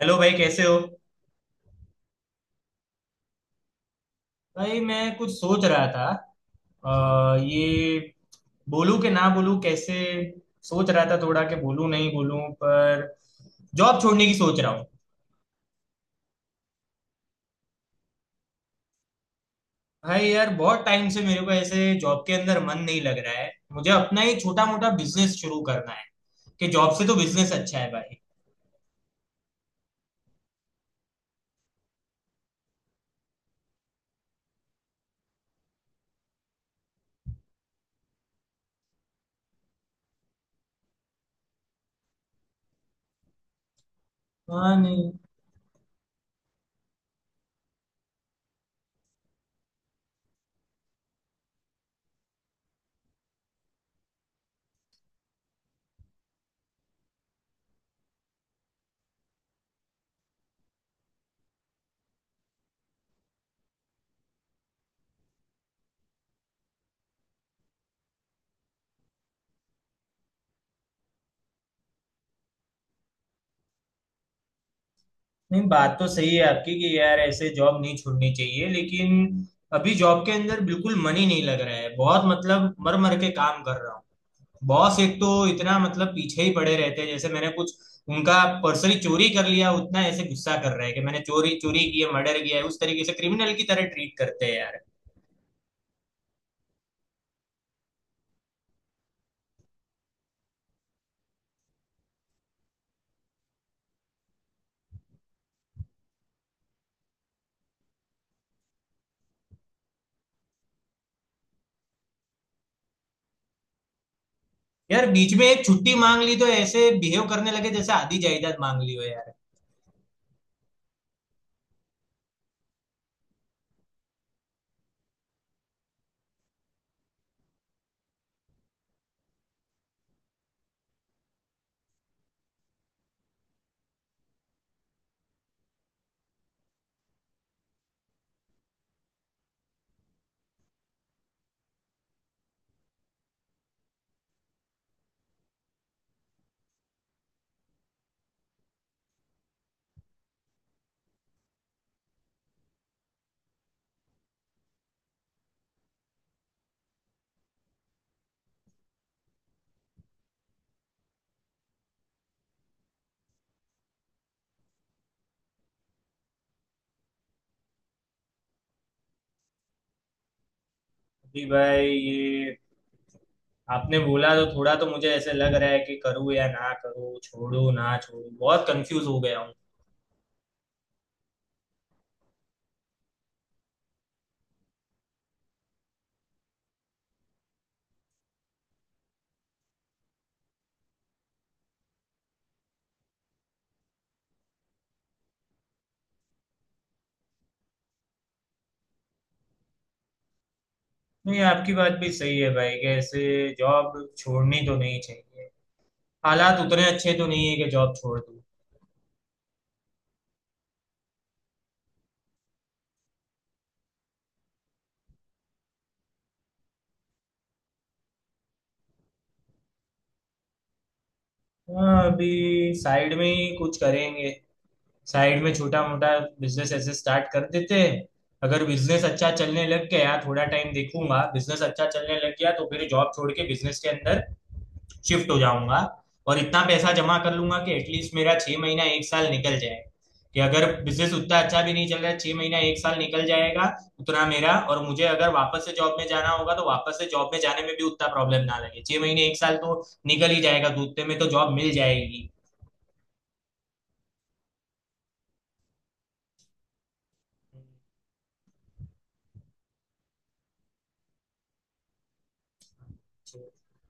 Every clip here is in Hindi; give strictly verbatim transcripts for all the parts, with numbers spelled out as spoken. हेलो भाई, कैसे हो। भाई मैं कुछ सोच रहा था। आ, ये बोलूं कि ना बोलूं, कैसे सोच रहा था थोड़ा कि बोलूं नहीं बोलूं। पर जॉब छोड़ने की सोच रहा हूँ। भाई यार बहुत टाइम से मेरे को ऐसे जॉब के अंदर मन नहीं लग रहा है। मुझे अपना ही छोटा मोटा बिजनेस शुरू करना है कि जॉब से तो बिजनेस अच्छा है भाई। हाँ। नहीं, नहीं बात तो सही है आपकी कि यार ऐसे जॉब नहीं छोड़नी चाहिए, लेकिन अभी जॉब के अंदर बिल्कुल मन ही नहीं लग रहा है। बहुत मतलब मर मर के काम कर रहा हूँ। बॉस एक तो इतना मतलब पीछे ही पड़े रहते हैं जैसे मैंने कुछ उनका पर्स ही चोरी कर लिया। उतना ऐसे गुस्सा कर रहे हैं कि मैंने चोरी चोरी की है, मर्डर किया है। उस तरीके से क्रिमिनल की तरह ट्रीट करते हैं यार। यार बीच में एक छुट्टी मांग ली तो ऐसे बिहेव करने लगे जैसे आधी जायदाद मांग ली हो यार। जी भाई, ये आपने बोला तो थोड़ा तो मुझे ऐसे लग रहा है कि करूँ या ना करूँ, छोड़ू ना छोड़ू, बहुत कंफ्यूज हो गया हूँ। नहीं, आपकी बात भी सही है भाई कि ऐसे जॉब छोड़नी तो नहीं चाहिए। हालात उतने अच्छे तो नहीं है कि जॉब छोड़ दूं। हाँ, अभी साइड में ही कुछ करेंगे। साइड में छोटा मोटा बिजनेस ऐसे स्टार्ट कर देते हैं। अगर बिजनेस अच्छा चलने लग गया, थोड़ा टाइम देखूंगा, बिजनेस अच्छा चलने लग गया तो फिर जॉब छोड़ के बिजनेस के अंदर शिफ्ट हो जाऊंगा। और इतना पैसा जमा कर लूंगा कि एटलीस्ट मेरा छह महीना एक साल निकल जाए। कि अगर बिजनेस उतना अच्छा भी नहीं चल रहा है, छह महीना एक साल निकल जाएगा। उतना मेरा, और मुझे अगर वापस से जॉब में जाना होगा तो वापस से जॉब में जाने में भी उतना प्रॉब्लम ना लगे। छह महीने एक साल तो निकल ही जाएगा तो उतने में तो जॉब मिल जाएगी।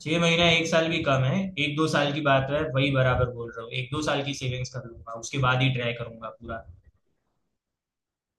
छह महीना एक साल भी कम है। एक दो साल की बात है वही बराबर बोल रहा हूँ। एक दो साल की सेविंग्स कर लूंगा उसके बाद ही ट्राई करूंगा पूरा।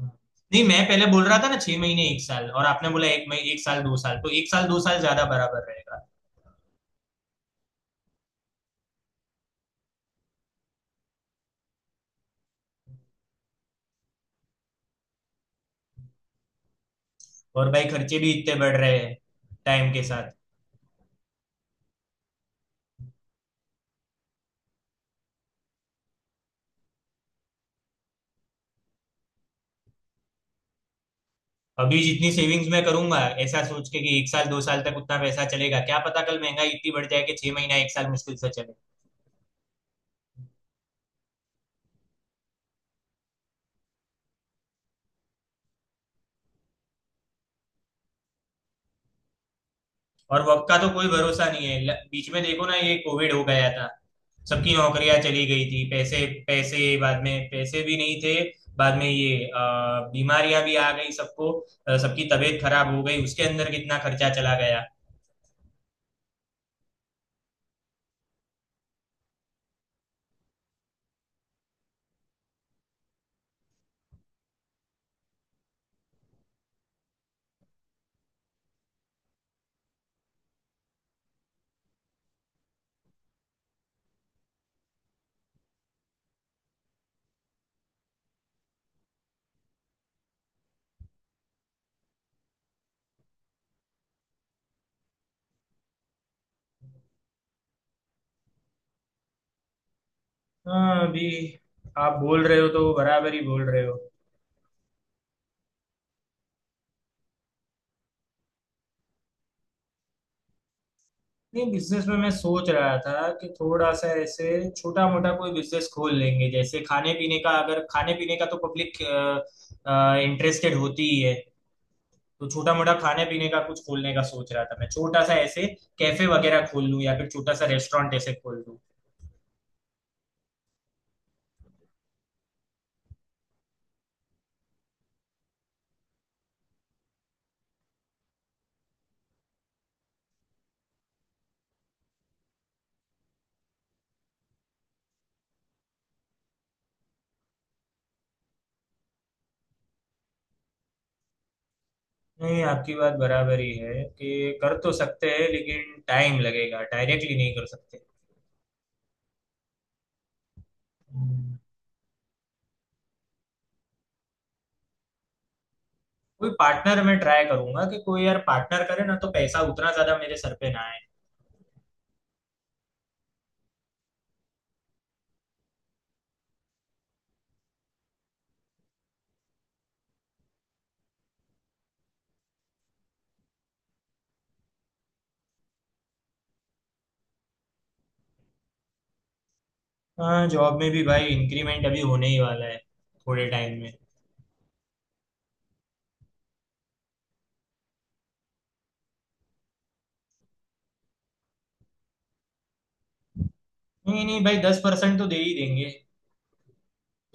नहीं मैं पहले बोल रहा था ना छह महीने एक साल, और आपने बोला एक महीने एक साल दो साल, तो एक साल दो साल ज्यादा बराबर रहेगा। और भाई खर्चे भी इतने बढ़ रहे हैं टाइम के साथ। अभी जितनी सेविंग्स मैं करूंगा, ऐसा सोच के कि एक साल दो साल तक उतना पैसा चलेगा, क्या पता कल महंगाई इतनी बढ़ जाए कि छह महीना एक साल मुश्किल से चले। और वर्क का तो कोई भरोसा नहीं है। ल- बीच में देखो ना, ये कोविड हो गया था। सबकी नौकरियां चली गई थी, पैसे पैसे, बाद में पैसे भी नहीं थे। बाद में ये अ, बीमारियां भी आ गई सबको। अ, सबकी तबीयत खराब हो गई, उसके अंदर कितना खर्चा चला गया। हाँ अभी आप बोल रहे हो तो बराबर ही बोल रहे हो। नहीं बिजनेस में मैं सोच रहा था कि थोड़ा सा ऐसे छोटा मोटा कोई बिजनेस खोल लेंगे, जैसे खाने पीने का। अगर खाने पीने का तो पब्लिक इंटरेस्टेड होती ही है। तो छोटा मोटा खाने पीने का कुछ खोलने का सोच रहा था मैं, छोटा सा ऐसे कैफे वगैरह खोल लूं या फिर छोटा सा रेस्टोरेंट ऐसे खोल लूं। नहीं आपकी बात बराबर ही है कि कर तो सकते हैं लेकिन टाइम लगेगा डायरेक्टली नहीं कर सकते हम्म। कोई पार्टनर मैं ट्राई करूंगा कि कोई यार पार्टनर करे ना तो पैसा उतना ज्यादा मेरे सर पे ना आए। हाँ जॉब में भी भाई इंक्रीमेंट अभी होने ही वाला है थोड़े टाइम में। नहीं नहीं भाई, दस परसेंट तो दे ही देंगे।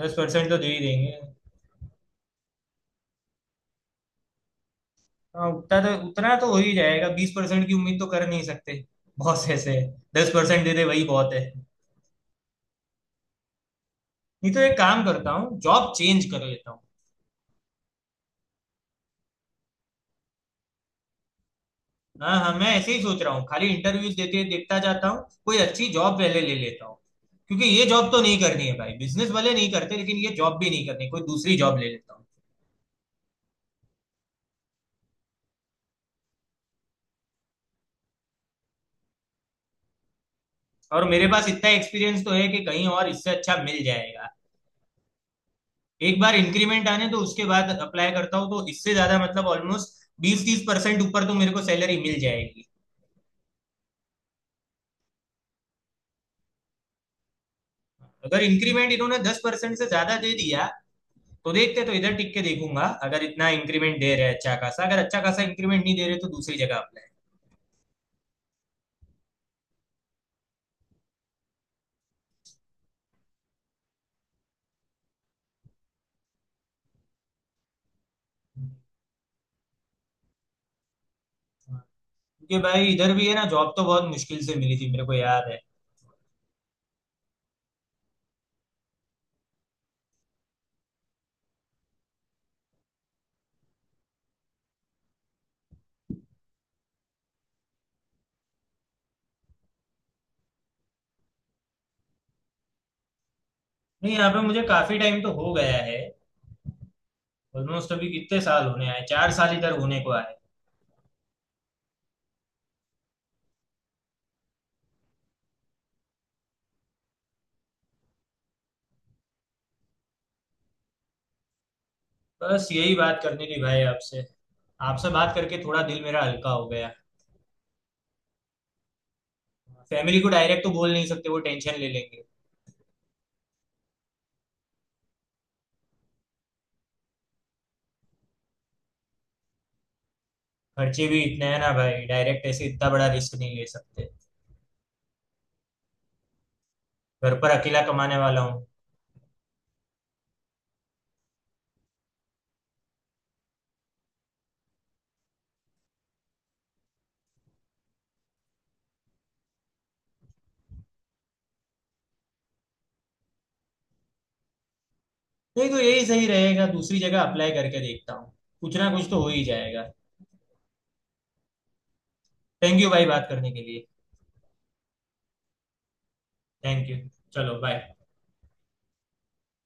दस परसेंट तो दे ही देंगे। हाँ उतना तो, उतना तो हो ही जाएगा। बीस परसेंट की उम्मीद तो कर नहीं सकते। बहुत ऐसे है। दस परसेंट दे दे वही बहुत है। नहीं तो एक काम करता हूँ, जॉब चेंज कर लेता हूँ। हाँ हाँ, मैं ऐसे ही सोच रहा हूँ। खाली इंटरव्यूज देते देखता जाता हूँ, कोई अच्छी जॉब पहले ले लेता हूँ। क्योंकि ये जॉब तो नहीं करनी है भाई। बिजनेस वाले नहीं करते लेकिन ये जॉब भी नहीं करनी, कोई दूसरी जॉब ले लेता हूँ। और मेरे पास इतना एक्सपीरियंस तो है कि कहीं और इससे अच्छा मिल जाएगा। एक बार इंक्रीमेंट आने तो उसके बाद अप्लाई करता हूँ तो इससे ज्यादा मतलब ऑलमोस्ट बीस तीस परसेंट ऊपर तो मेरे को सैलरी मिल जाएगी। अगर इंक्रीमेंट इन्होंने दस परसेंट से ज्यादा दे दिया तो देखते, तो इधर टिक के देखूंगा। अगर इतना इंक्रीमेंट दे रहे हैं अच्छा खासा, अगर अच्छा खासा इंक्रीमेंट नहीं दे रहे तो दूसरी जगह अप्लाई। क्योंकि भाई इधर भी है ना, जॉब तो बहुत मुश्किल से मिली थी मेरे को याद है। नहीं, यहाँ पे मुझे काफी टाइम तो हो गया है। ऑलमोस्ट अभी कितने साल होने आए, चार साल इधर होने को आए। बस यही बात करनी थी भाई आपसे। आपसे बात करके थोड़ा दिल मेरा हल्का हो गया। फैमिली को डायरेक्ट तो बोल नहीं सकते, वो टेंशन ले लेंगे। खर्चे भी इतने हैं ना भाई, डायरेक्ट ऐसे इतना बड़ा रिस्क नहीं ले सकते। घर पर अकेला कमाने वाला हूँ। नहीं तो यही सही रहेगा, दूसरी जगह अप्लाई करके देखता हूँ। कुछ ना कुछ तो हो ही जाएगा। थैंक यू भाई बात करने के लिए। Thank you. चलो बाय।